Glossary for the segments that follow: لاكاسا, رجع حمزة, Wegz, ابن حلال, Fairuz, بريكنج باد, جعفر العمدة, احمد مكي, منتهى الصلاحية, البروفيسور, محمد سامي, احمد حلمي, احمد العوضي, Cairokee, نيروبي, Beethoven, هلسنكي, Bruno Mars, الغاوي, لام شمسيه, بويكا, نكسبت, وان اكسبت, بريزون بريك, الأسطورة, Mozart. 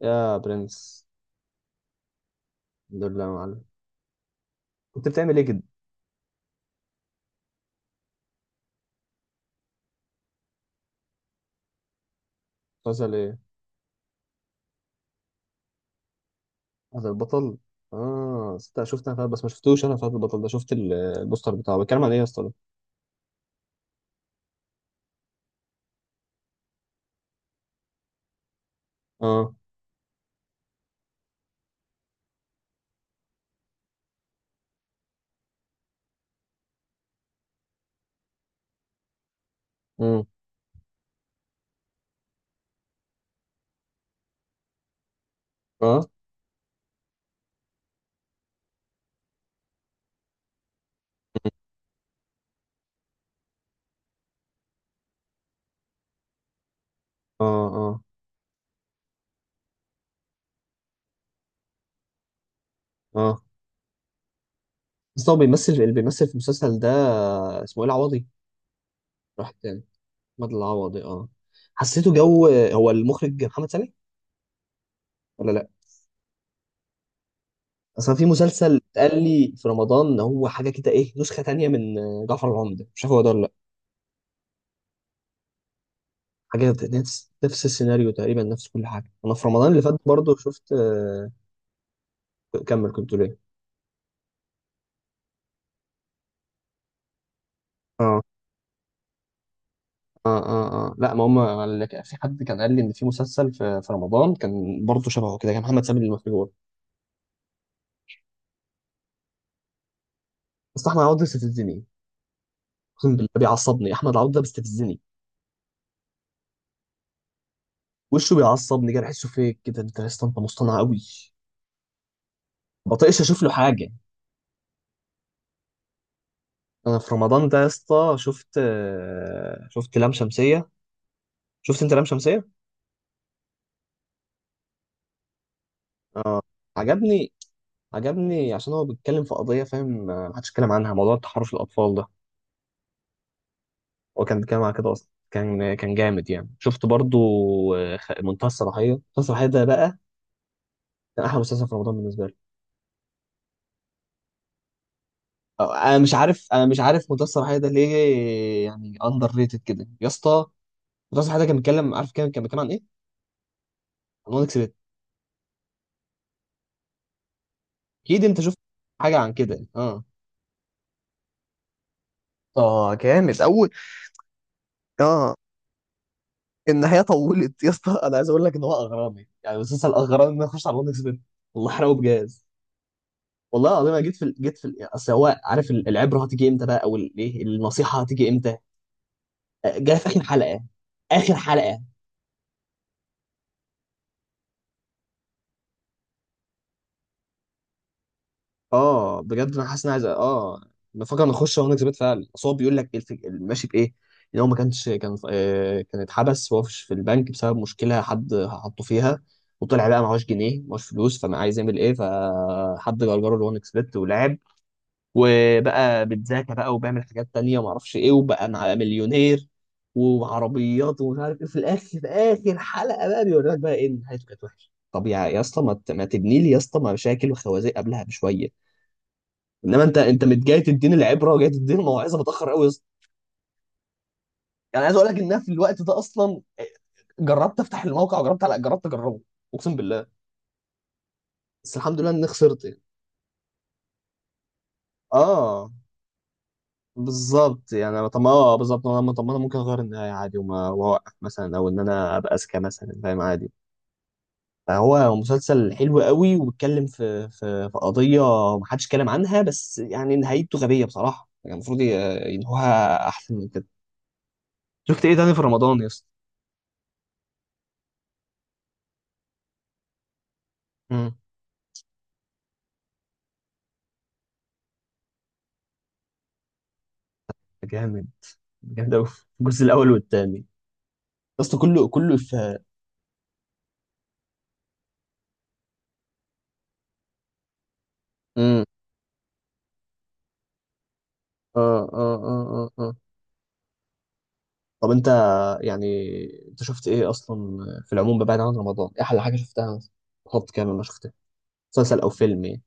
يا برنس. الحمد لله يا معلم. كنت بتعمل ايه كده؟ مسلسل ايه؟ فهد البطل؟ اه، صدق شفت انا فهد بس ما شفتوش. انا فهد البطل ده شفت البوستر بتاعه، بيتكلم عن ايه يا اسطى ده؟ اه. امم. اه، اه، اه، اه. بس هو بيمثل اللي بيمثل في المسلسل ده، اسمه ايه، العوضي؟ راح تاني. احمد العوضي، اه. حسيته جو. هو المخرج محمد سامي ولا لا؟ اصلا في مسلسل اتقال لي في رمضان ان هو حاجه كده، ايه، نسخه تانيه من جعفر العمدة، مش عارف هو ده ولا حاجة. نفس نفس السيناريو، تقريبا نفس كل حاجة. أنا في رمضان اللي فات برضه شفت، كمل كنت ليه. اه اه اه اه. لا ما هم في حد كان قال لي ان في مسلسل في رمضان كان برضه شبهه كده، كان محمد سامي المخبور. بس احمد عوض بيستفزني، اقسم بالله بيعصبني. احمد عوض ده بيستفزني، وشه بيعصبني كده، بحسه فيك كده انت يا اسطى، انت مصطنع قوي. ما بطيقش اشوف له حاجه. انا في رمضان ده يا اسطى شفت، شفت لام شمسيه. شفت انت لام شمسيه؟ عجبني. عجبني عشان هو بيتكلم في قضية، فاهم، محدش اتكلم عنها، موضوع تحرش الأطفال ده. هو كان بيتكلم على كده أصلا، كان جامد يعني. شفت برضو، منتهى الصلاحية. منتهى الصلاحية ده بقى كان أحلى مسلسل في رمضان بالنسبة لي. أنا مش عارف. أنا مش عارف منتهى الصلاحية ده ليه، يعني أندر ريتد كده يا اسطى. منتهى الصلاحية ده كان بيتكلم، عارف، كان بيتكلم عن إيه؟ عن وان اكسبت. أكيد أنت شفت حاجة عن كده، أه. اه، جامد اول. اه. النهايه طولت يا اسطى. أنا عايز أقول لك إن هو أغرامي، يعني مسلسل أغرامي، إن أنا أخش على وان اكسبت. والله حرقه بجاز. والله العظيم انا اصل هو عارف العبره هتيجي امتى بقى، ايه النصيحه هتيجي امتى. جايه في اخر حلقه، اخر حلقه. اه، بجد انا حاسس ان عايز، اه، بفكر نخش هو نكسبت فعلا. اصل هو بيقول لك إيه ماشي بايه، ان هو ما كانش كان، كان اتحبس وهو في البنك بسبب مشكله حد حطه فيها. وطلع بقى معهوش جنيه، معهوش فلوس، فما عايز يعمل ايه، فحد جرجره اللي هو نكسبت ولعب وبقى بيتذاكى بقى وبيعمل حاجات تانية ما اعرفش ايه، وبقى مع مليونير وعربيات ومش عارف ايه. في الاخر، في اخر حلقة بقى، بيوريلك بقى ايه، إن نهايته كانت وحشة. طب يا اسطى، ما تبني لي يا اسطى مشاكل وخوازيق قبلها بشويه. انما انت، جاي تديني العبره وجاي تديني الموعظه متاخر قوي يا اسطى. يعني عايز اقول لك ان أنا في الوقت ده اصلا، جربت افتح الموقع، وجربت على، جربت اجربه، اقسم بالله. بس الحمد لله اني خسرت يعني. اه، بالظبط يعني. طب ما اه بالظبط انا. طب ما انا ممكن اغير النهايه عادي وما واقف مثلا، او ان انا ابقى اذكى مثلا، فاهم، عادي. فهو مسلسل حلو قوي وبيتكلم في في قضيه ما حدش اتكلم عنها، بس يعني نهايته غبيه بصراحه يعني، المفروض ينهوها احسن من كده. شفت ايه تاني في رمضان يا اسطى؟ امم. جامد، جامد قوي. الجزء الاول والثاني يا اسطى، كله كله في. امم. اه اه اه اه آه. طب انت، يعني، انت شفت ايه اصلا في العموم بعيد عن رمضان؟ ايه احلى حاجه شفتها مثلا؟ خط كامل ما شفتها. مسلسل او فيلم يعني.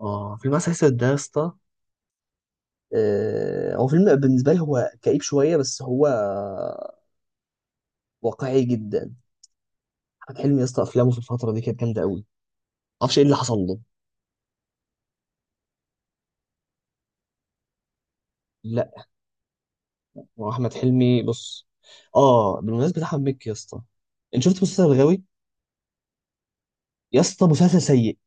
اه، فيلم عسل اسود ده يا اسطى، هو فيلم بالنسبه لي هو كئيب شويه، بس هو واقعي جدا. احمد حلمي يا اسطى افلامه في الفتره دي كانت جامده قوي، معرفش ايه اللي حصل له. لا، هو احمد حلمي، بص. اه، بالمناسبه، احمد مكي يا اسطى، انت شفت مسلسل الغاوي؟ يا اسطى مسلسل سيء.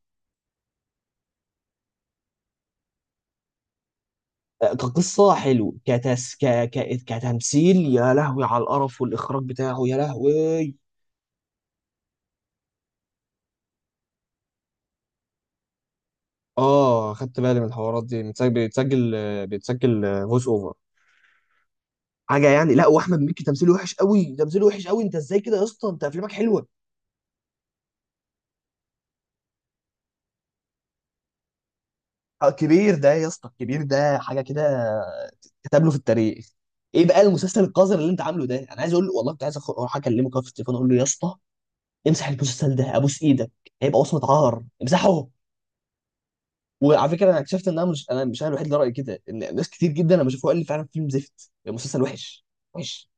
كقصة حلو، كتمثيل، يا لهوي على القرف والإخراج بتاعه، يا لهوي. اه، خدت بالي من الحوارات دي بتسجل، بيتسجل، بيتسجل فويس اوفر، حاجة يعني. لا، واحمد مكي تمثيله وحش قوي، تمثيله وحش قوي، انت ازاي كده يا اسطى؟ انت افلامك حلوة. كبير ده يا اسطى، كبير ده حاجة كده، كتب له في التاريخ. ايه بقى المسلسل القذر اللي انت عامله ده؟ انا عايز اقول له والله، كنت عايز اروح اكلمه كده في التليفون، اقول له يا اسطى امسح المسلسل ده، ابوس ايدك. هيبقى وصمة عار، امسحه. وعلى فكره انا اكتشفت ان انا مش الوحيد اللي رايي كده، ان ناس كتير جدا لما شافوه قال لي فعلا فيلم زفت، المسلسل وحش. وحش.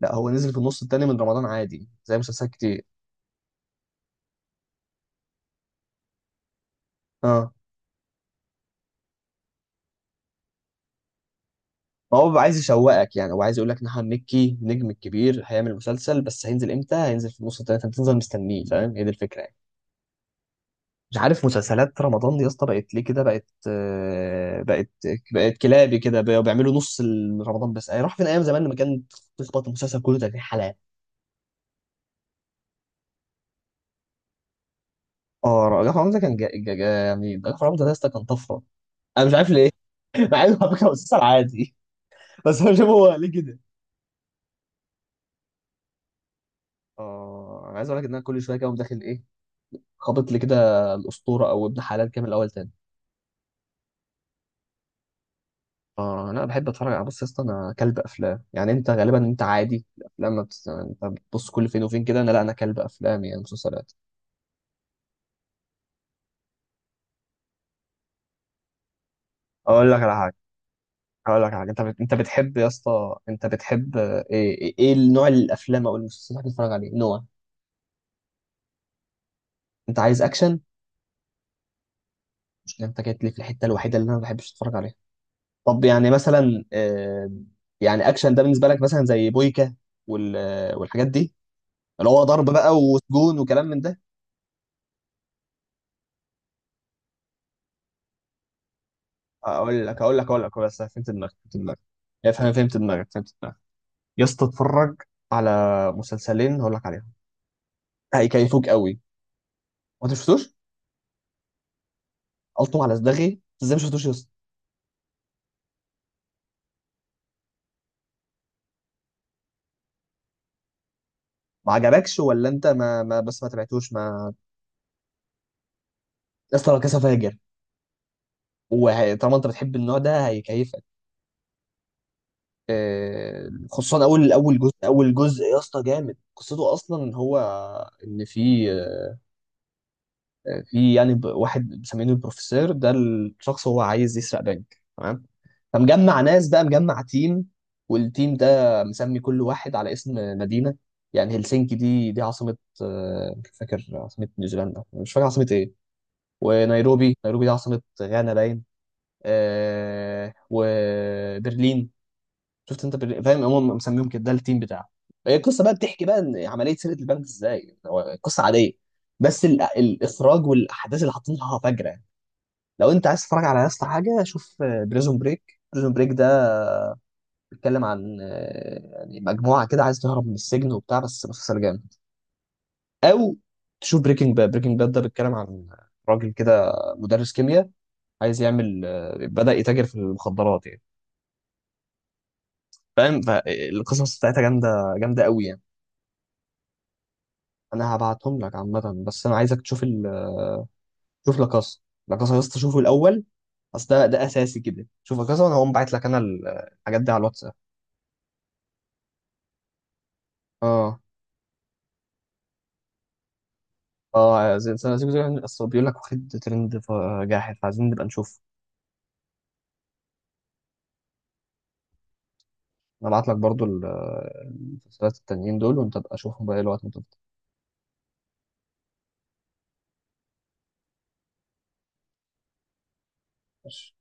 لا، هو نزل في النص التاني من رمضان، عادي زي مسلسلات كتير. اه. ما هو بيبقى عايز يشوقك يعني، هو عايز يقول لك نحن مكي النجم الكبير هيعمل مسلسل، بس هينزل امتى؟ هينزل في النص التاني، فانت تفضل مستنيه، فاهم، هي دي الفكره يعني. مش عارف مسلسلات رمضان دي يا اسطى بقت ليه كده، بقت، بقت. بقت كلابي كده، بقوا بيعملوا نص رمضان بس يعني، راح فين ايام زمان لما كان تخبط المسلسل كله 30 حلقه. اه، رجع حمزة كان يعني رجع حمزة ده يا اسطى كان طفرة، انا مش عارف ليه. مع انه على فكرة مسلسل عادي. بس انا مش عارف هو ليه كده. اه، انا عايز اقول لك ان انا كل شوية كده أقوم داخل ايه، خابط لي كده الأسطورة او ابن حلال كامل، الاول تاني. اه، انا بحب اتفرج على، بص يا اسطى انا كلب افلام يعني، انت غالبا انت عادي الافلام ما بت... انت بتبص كل فين وفين كده، انا لا، انا كلب افلام يعني مسلسلات. اقول لك على حاجه اقول لك على حاجه. انت انت بتحب يا اسطى، انت بتحب، ايه ايه إيه نوع الافلام او المسلسلات اللي بتتفرج عليه، نوع؟ انت عايز اكشن؟ مشكلة، انت جيت لي في الحتة الوحيدة اللي انا ما بحبش اتفرج عليها. طب يعني مثلا، يعني اكشن ده بالنسبة لك مثلا زي بويكا والحاجات دي، اللي هو ضرب بقى وسجون وكلام من ده. اقول لك بس، فهمت دماغك. افهم، فهمت دماغك فهمت دماغك. يا اسطى اتفرج على مسلسلين هقول لك عليهم، هيكيفوك قوي. وانت شفتوش؟ قلتم على صداغي، انت ازاي ما شفتوش يا اسطى؟ ما عجبكش ولا انت ما بس ما تبعتوش ما. يا اسطى، لا كاسا فاجر، وطالما انت بتحب النوع ده هيكيفك. خصوصا اول جزء، اول جزء يا اسطى جامد قصته اصلا. هو ان في، في يعني، واحد مسمينه البروفيسور ده، الشخص هو عايز يسرق بنك، تمام، فمجمع ناس بقى، مجمع تيم، والتيم ده مسمي كل واحد على اسم مدينة. يعني هلسنكي دي عاصمة، مش فاكر عاصمة نيوزيلندا، مش فاكر عاصمة ايه. ونيروبي، نيروبي دي عاصمة غانا باين. وبرلين. شفت انت فاهم، هم مسميهم كده، ده التيم بتاعه. هي القصه بقى بتحكي بقى ان عمليه سرقه البنك ازاي، هو قصه عاديه، بس الاخراج والاحداث اللي حاطينها فجره يعني. لو انت عايز تتفرج على نفس حاجه، شوف بريزون بريك. بريزون بريك ده بيتكلم عن، يعني مجموعه كده عايز تهرب من السجن وبتاع، بس مسلسل جامد. او تشوف بريكنج باد. بريكنج باد ده بيتكلم عن راجل كده، مدرس كيمياء، عايز يعمل، بدأ يتاجر في المخدرات يعني، فاهم، فالقصص بتاعتها جامده، جامده قوي يعني. انا هبعتهم لك عامه، بس انا عايزك تشوف شوف لاكاسا. لاكاسا يا اسطى شوفه الاول، اصل ده اساسي كده. شوف لاكاسا وانا هقوم باعت لك انا الحاجات دي على الواتساب. اه. اه اصل بيقول لك واخد ترند، جاحد، فعايزين نبقى نشوف. انا ابعت لك برضو المسلسلات التانيين دول، وانت ابقى شوفهم بقى إيه الوقت ما تفضى. ماشي.